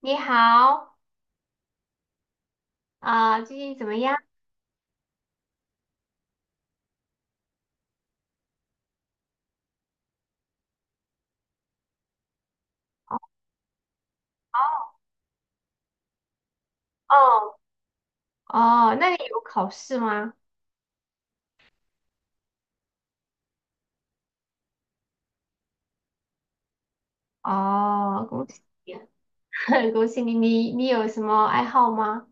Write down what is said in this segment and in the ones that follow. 你好，啊、最近怎么样？哦哦哦，那你有考试吗？哦，恭喜你啊，恭喜你！你有什么爱好吗？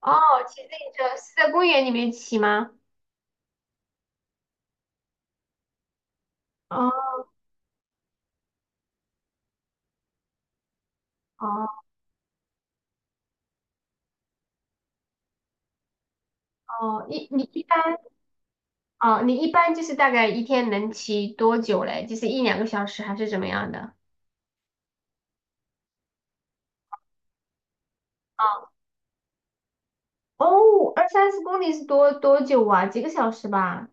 哦，骑自行车是在公园里面骑吗？哦哦哦，你你一般哦，你一般就是大概一天能骑多久嘞？就是一两个小时还是怎么样的？哦，二三十公里是多久啊？几个小时吧？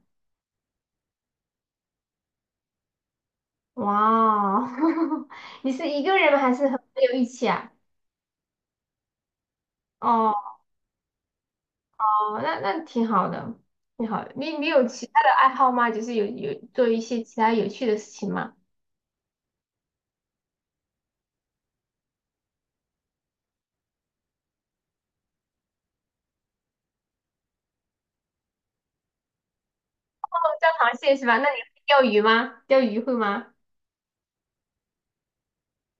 哇哦，你是一个人吗还是和朋友一起啊？哦，那挺好的，挺好的。你有其他的爱好吗？就是有做一些其他有趣的事情吗？哦抓螃蟹是吧？那你会钓鱼吗？钓鱼会吗？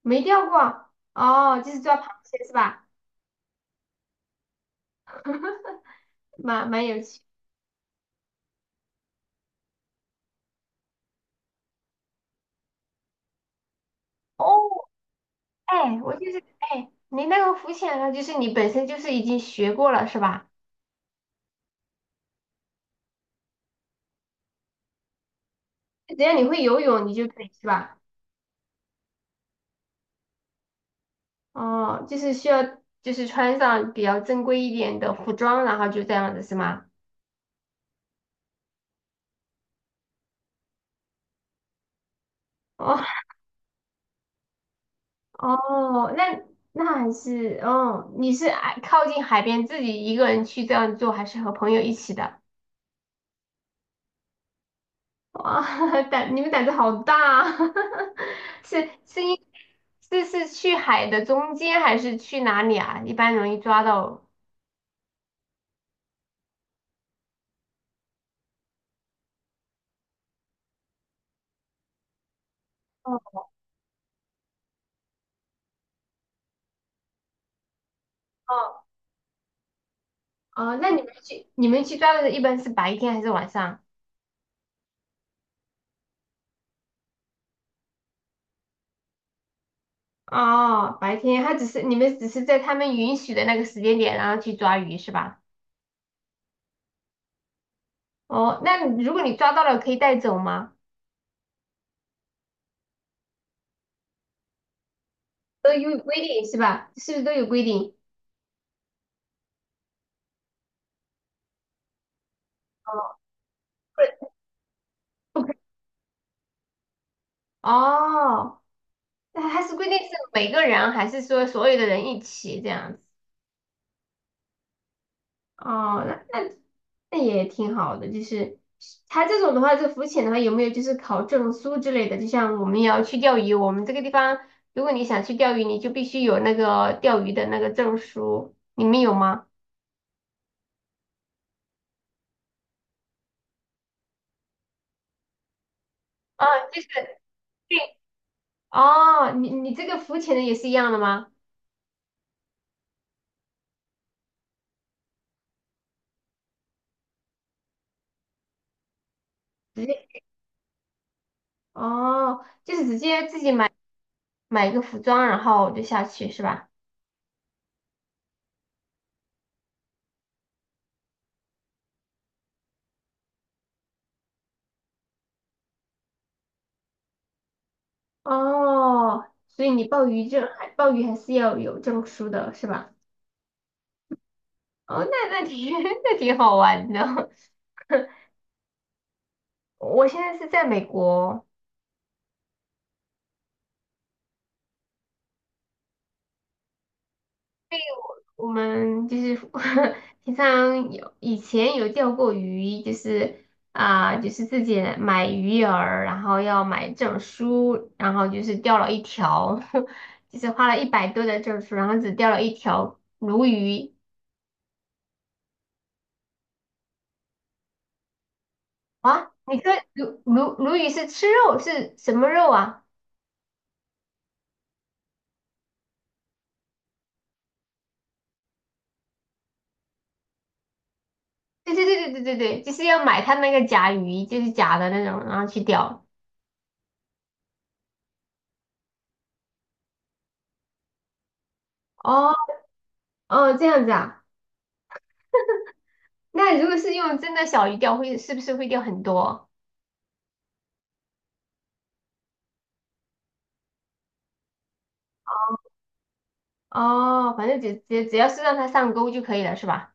没钓过。哦，就是抓螃蟹是吧？蛮有趣。哦，哎，我就是哎，你那个浮潜呢，就是你本身就是已经学过了是吧？只要你会游泳，你就可以是吧？哦，就是需要就是穿上比较正规一点的服装，然后就这样子是吗？哦哦，那那还是哦，你是爱靠近海边自己一个人去这样做，还是和朋友一起的？哇，你们胆子好大啊，是是因是去海的中间还是去哪里啊？一般容易抓到。哦哦哦，那你们去抓的时候一般是白天还是晚上？哦，白天他只是你们只是在他们允许的那个时间点，然后去抓鱼是吧？哦，那如果你抓到了，可以带走吗？都有规定是吧？是不是都有规定？哦，哦，那它是规定是每个人还是说所有的人一起这样子？哦，那也挺好的，就是他这种的话，这浮潜的话，有没有就是考证书之类的？就像我们也要去钓鱼，我们这个地方，如果你想去钓鱼，你就必须有那个钓鱼的那个证书，你们有吗？啊，就是对，哦，你这个浮潜的也是一样的吗？直接哦，就是直接自己买一个服装，然后就下去是吧？哦，所以你鲍鱼证还鲍鱼还是要有证书的是吧？哦，那挺 那挺好玩的。我现在是在美国，我们就是 平常有以前有钓过鱼，就是啊、就是自己买鱼饵，然后要买证书，然后就是钓了一条，就是花了100多的证书，然后只钓了一条鲈鱼。啊，你说鲈鱼是吃肉，是什么肉啊？对对对对对对对，就是要买它那个甲鱼，就是假的那种，然后去钓。哦，哦，这样子啊。那如果是用真的小鱼钓，是不是会钓很多？哦，反正只要是让它上钩就可以了，是吧？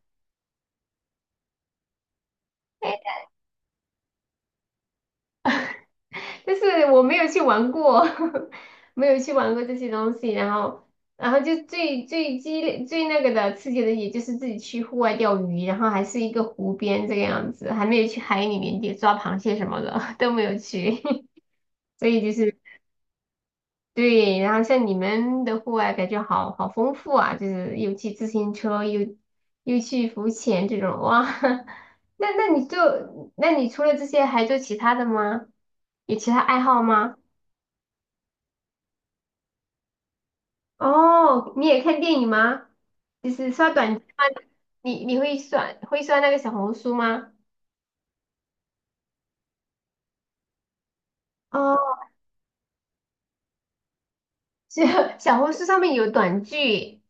哎，但是我没有去玩过，没有去玩过这些东西。然后，然后就最激烈、最那个的刺激的，也就是自己去户外钓鱼，然后还是一个湖边这个样子，还没有去海里面抓螃蟹什么的 都没有去，所以就是。对，然后像你们的户外感觉好丰富啊，就是又骑自行车，又去浮潜这种，哇！那你除了这些还做其他的吗？有其他爱好吗？哦，你也看电影吗？就是刷短，你会会刷那个小红书吗？哦，小小红书上面有短剧。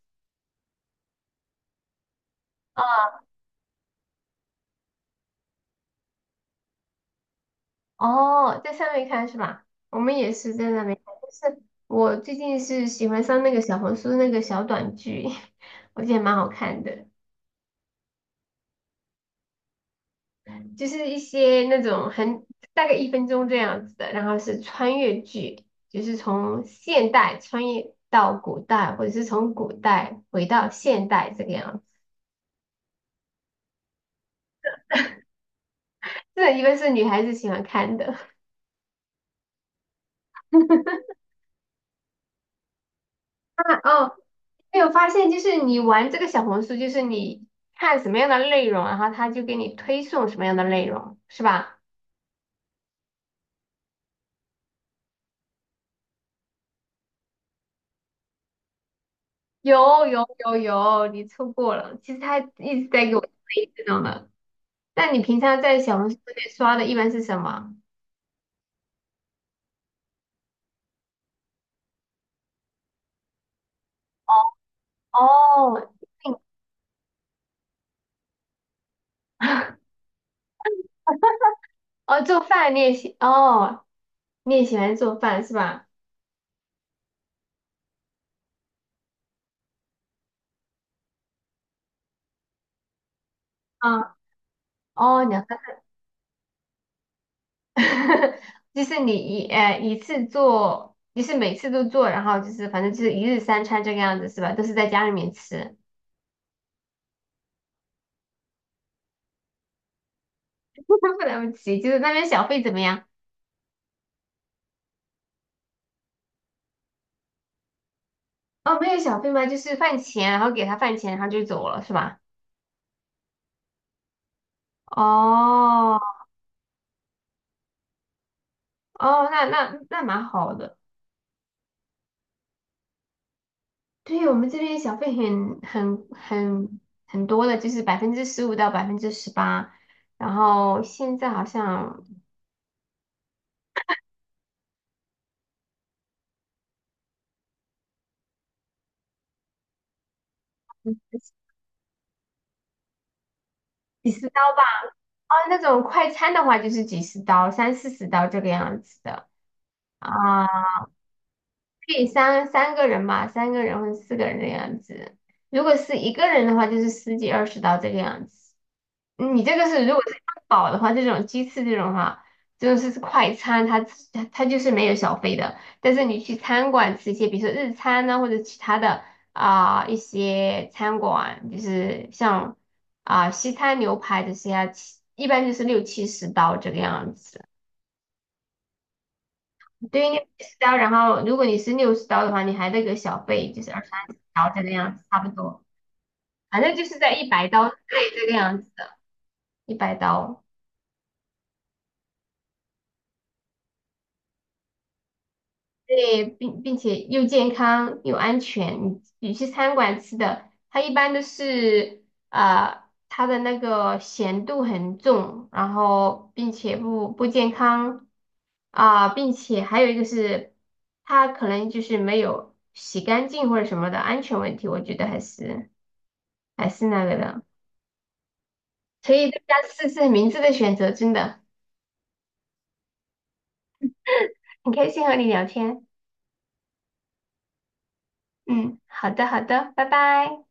哦，在上面看是吧？我们也是在那边看，就是我最近是喜欢上那个小红书那个小短剧，我觉得蛮好看的，就是一些那种大概1分钟这样子的，然后是穿越剧，就是从现代穿越到古代，或者是从古代回到现代这个样子。这个一般是女孩子喜欢看的。啊哦，没有发现，就是你玩这个小红书，就是你看什么样的内容，然后他就给你推送什么样的内容，是吧？有有有有，你错过了。其实他一直在给我推这种的。那你平常在小红书里刷的一般是什么？哦，哦，做饭你也喜，哦，你也喜欢做饭是吧？啊，哦，你 就是你一次做，就是每次都做，然后就是反正就是一日三餐这个样子是吧？都是在家里面吃，不了不起。就是那边小费怎么样？哦，没有小费吗？就是饭钱，然后给他饭钱，然后就走了是吧？哦哦，那蛮好的。对我们这边小费很多的，就是15%到18%，然后现在好像嗯几十刀哦，那种快餐的话就是几十刀，三四十刀这个样子的啊，可以三个人吧，三个人或者四个人的样子。如果是一个人的话，就是十几二十刀这个样子。你这个是如果是汉堡的话，这种鸡翅这种哈，就是快餐，它自它它就是没有小费的。但是你去餐馆吃一些，比如说日餐呐、或者其他的啊、一些餐馆，就是像啊、西餐牛排这些啊，一般就是六七十刀这个样子。对于六七十刀，然后如果你是60刀的话，你还得给小费，就是二三十刀这个样子，差不多。反正就是在一百刀对这个样子，一百刀。对，并且又健康又安全。你去餐馆吃的，它一般都是啊、它的那个咸度很重，然后并且不健康啊、并且还有一个是它可能就是没有洗干净或者什么的安全问题，我觉得还是那个的。所以大家试试明智的选择，真的很开心和你聊天。嗯，好的好的，拜拜。